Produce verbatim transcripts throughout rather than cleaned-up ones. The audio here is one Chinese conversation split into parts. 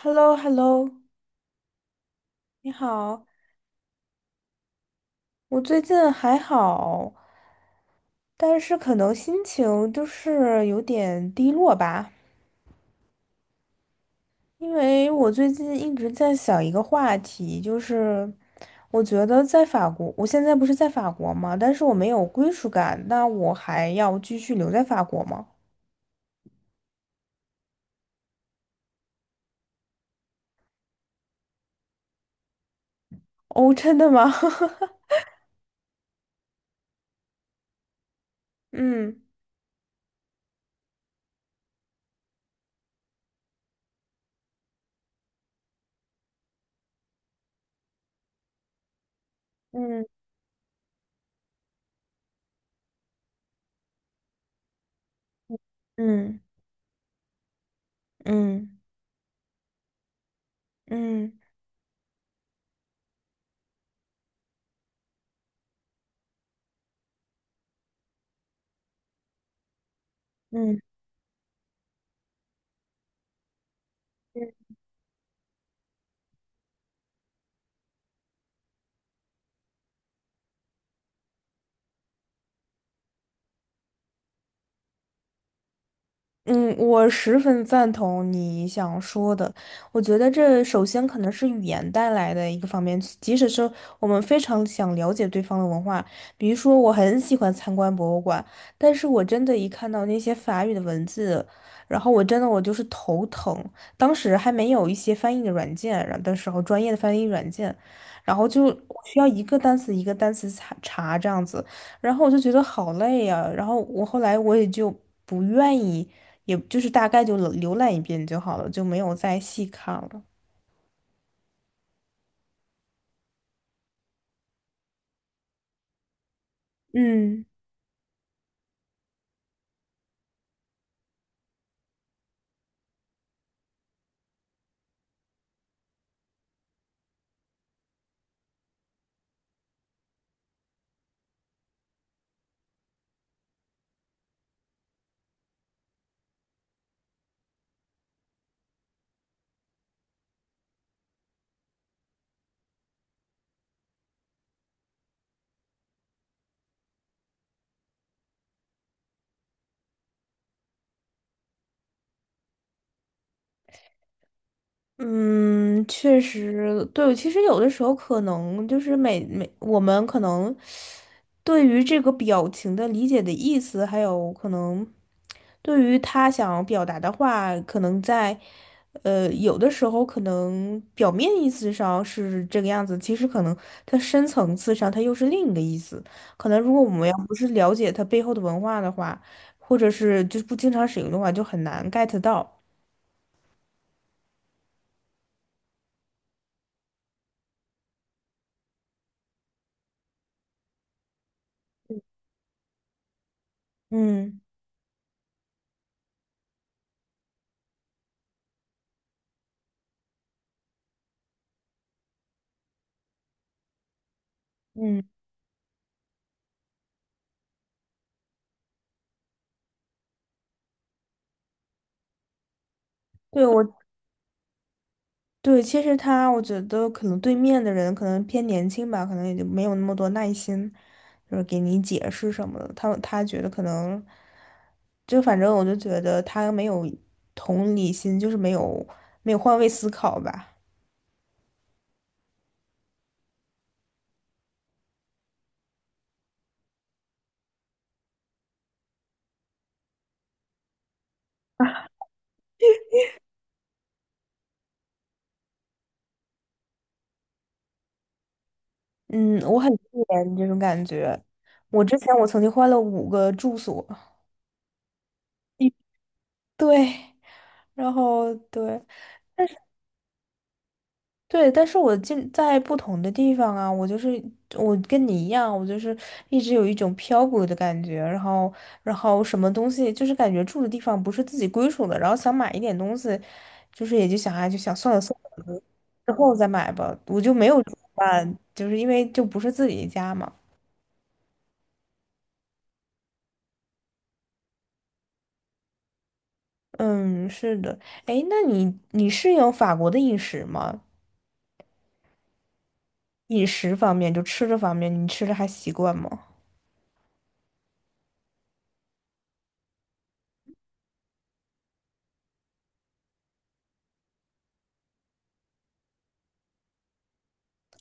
h e l l o h e l l o 你好。我最近还好，但是可能心情就是有点低落吧。因为我最近一直在想一个话题，就是我觉得在法国，我现在不是在法国嘛，但是我没有归属感，那我还要继续留在法国吗？哦，真的吗？嗯嗯嗯嗯嗯嗯嗯。嗯，我十分赞同你想说的。我觉得这首先可能是语言带来的一个方面，即使是我们非常想了解对方的文化。比如说我很喜欢参观博物馆，但是我真的一看到那些法语的文字，然后我真的我就是头疼。当时还没有一些翻译的软件，然后的时候专业的翻译软件，然后就我需要一个单词一个单词查查这样子。然后我就觉得好累呀、然后我后来我也就不愿意。也就是大概就浏览一遍就好了，就没有再细看了。嗯。嗯，确实，对。其实有的时候可能就是每每我们可能对于这个表情的理解的意思，还有可能对于他想表达的话，可能在呃有的时候可能表面意思上是这个样子，其实可能它深层次上它又是另一个意思。可能如果我们要不是了解它背后的文化的话，或者是就是不经常使用的话，就很难 get 到。嗯嗯。对，我对，其实他，我觉得可能对面的人可能偏年轻吧，可能也就没有那么多耐心，就是给你解释什么的。他他觉得可能，就反正我就觉得他没有同理心，就是没有没有换位思考吧。嗯，我很自怜这种感觉。我之前我曾经换了五个住所。对，然后对。对，但是我进在不同的地方啊。我就是我跟你一样，我就是一直有一种漂泊的感觉。然后然后什么东西就是感觉住的地方不是自己归属的，然后想买一点东西，就是也就想哎就想算了算了，之后再买吧。我就没有办，就是因为就不是自己的家嘛。嗯，是的。哎，那你你适应法国的饮食吗？饮食方面，就吃的方面，你吃的还习惯吗？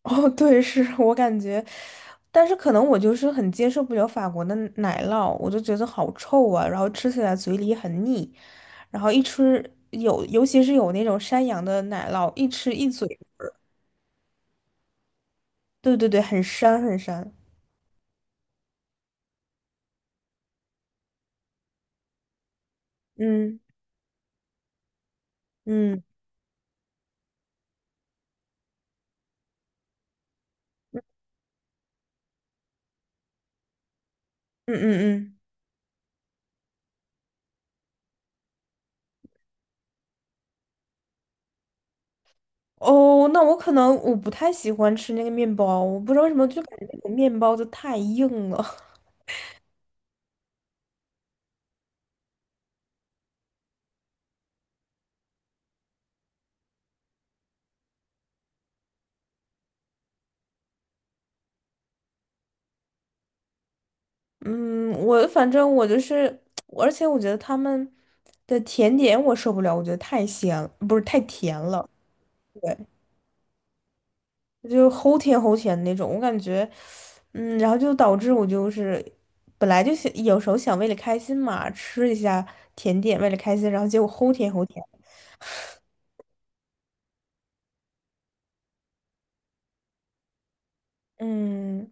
哦，对，是 我感觉，但是可能我就是很接受不了法国的奶酪，我就觉得好臭啊，然后吃起来嘴里很腻。然后一吃有，尤其是有那种山羊的奶酪，一吃一嘴。对对对，很膻很膻。嗯嗯嗯嗯嗯。哦，那我可能我不太喜欢吃那个面包，我不知道为什么就感觉那个面包就太硬了。嗯，我反正我就是，而且我觉得他们的甜点我受不了。我觉得太咸，不是太甜了。对，就齁甜齁甜的那种，我感觉。嗯，然后就导致我就是本来就想有时候想为了开心嘛，吃一下甜点为了开心，然后结果齁甜齁甜。嗯。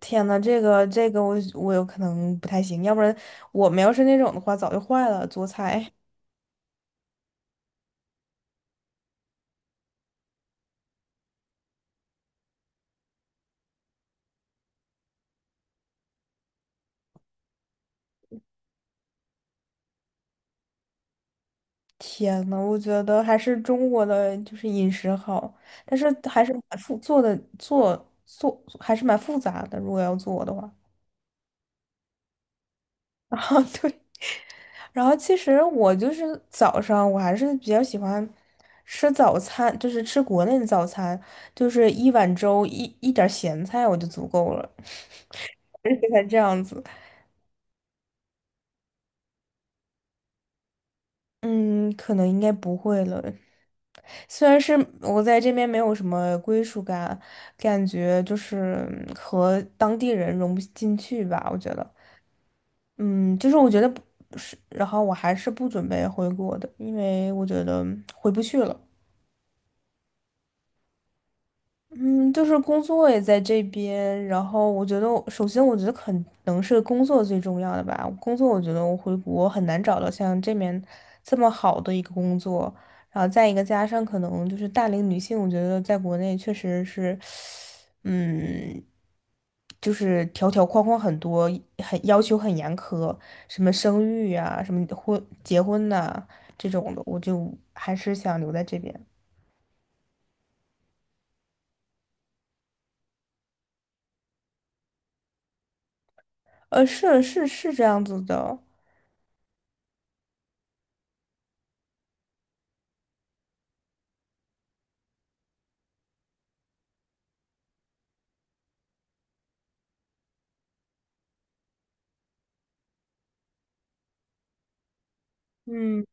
天呐，这个这个我我有可能不太行，要不然我们要是那种的话早就坏了，做菜。天呐，我觉得还是中国的就是饮食好，但是还是蛮复做的做做还是蛮复杂的，如果要做的话。啊对，然后其实我就是早上我还是比较喜欢吃早餐，就是吃国内的早餐，就是一碗粥一一点儿咸菜我就足够了。而且还这样子。嗯，可能应该不会了，虽然是我在这边没有什么归属感，感觉就是嗯和当地人融不进去吧，我觉得。嗯，就是我觉得不是，然后我还是不准备回国的，因为我觉得回不去了。嗯，就是工作也在这边，然后我觉得我首先我觉得可能是工作最重要的吧。工作我觉得我回国很难找到像这面这么好的一个工作。然后再一个加上可能就是大龄女性，我觉得在国内确实是。嗯，就是条条框框很多，很要求很严苛。什么生育啊，什么婚结婚呐、这种的，我就还是想留在这边。呃，是是是这样子的。嗯。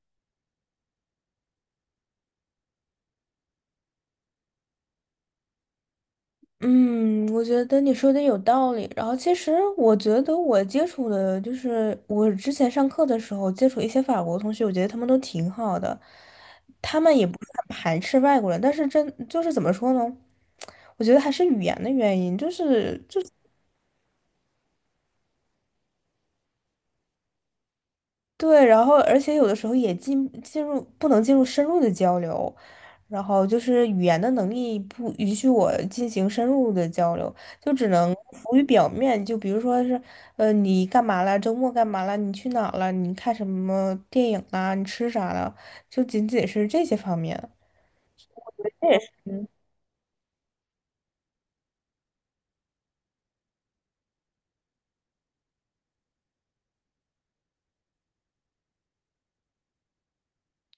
嗯，我觉得你说的有道理。然后，其实我觉得我接触的，就是我之前上课的时候接触一些法国同学，我觉得他们都挺好的。他们也不是很排斥外国人，但是真就是怎么说呢？我觉得还是语言的原因，就是就。对，然后而且有的时候也进进入不能进入深入的交流，然后就是语言的能力不允许我进行深入的交流，就只能浮于表面。就比如说是，呃，你干嘛了？周末干嘛了？你去哪儿了？你看什么电影啦？你吃啥了？就仅仅是这些方面。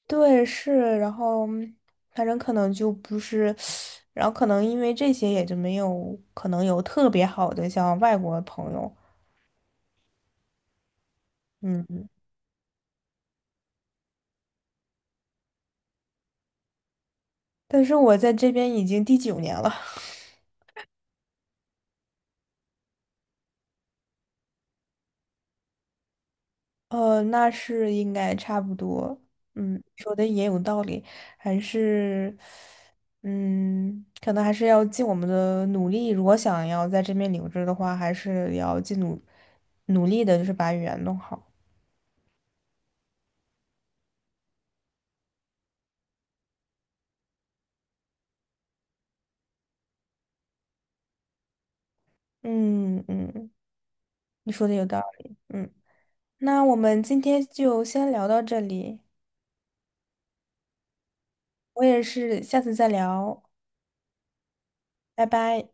对，是。然后反正可能就不是，然后可能因为这些也就没有可能有特别好的像外国朋友。嗯。但是我在这边已经第九年了。呃，那是应该差不多。嗯，说的也有道理。还是，嗯，可能还是要尽我们的努力。如果想要在这边留着的话，还是要尽努努力的，就是把语言弄好。嗯嗯，你说的有道理。嗯，那我们今天就先聊到这里。我也是，下次再聊。拜拜。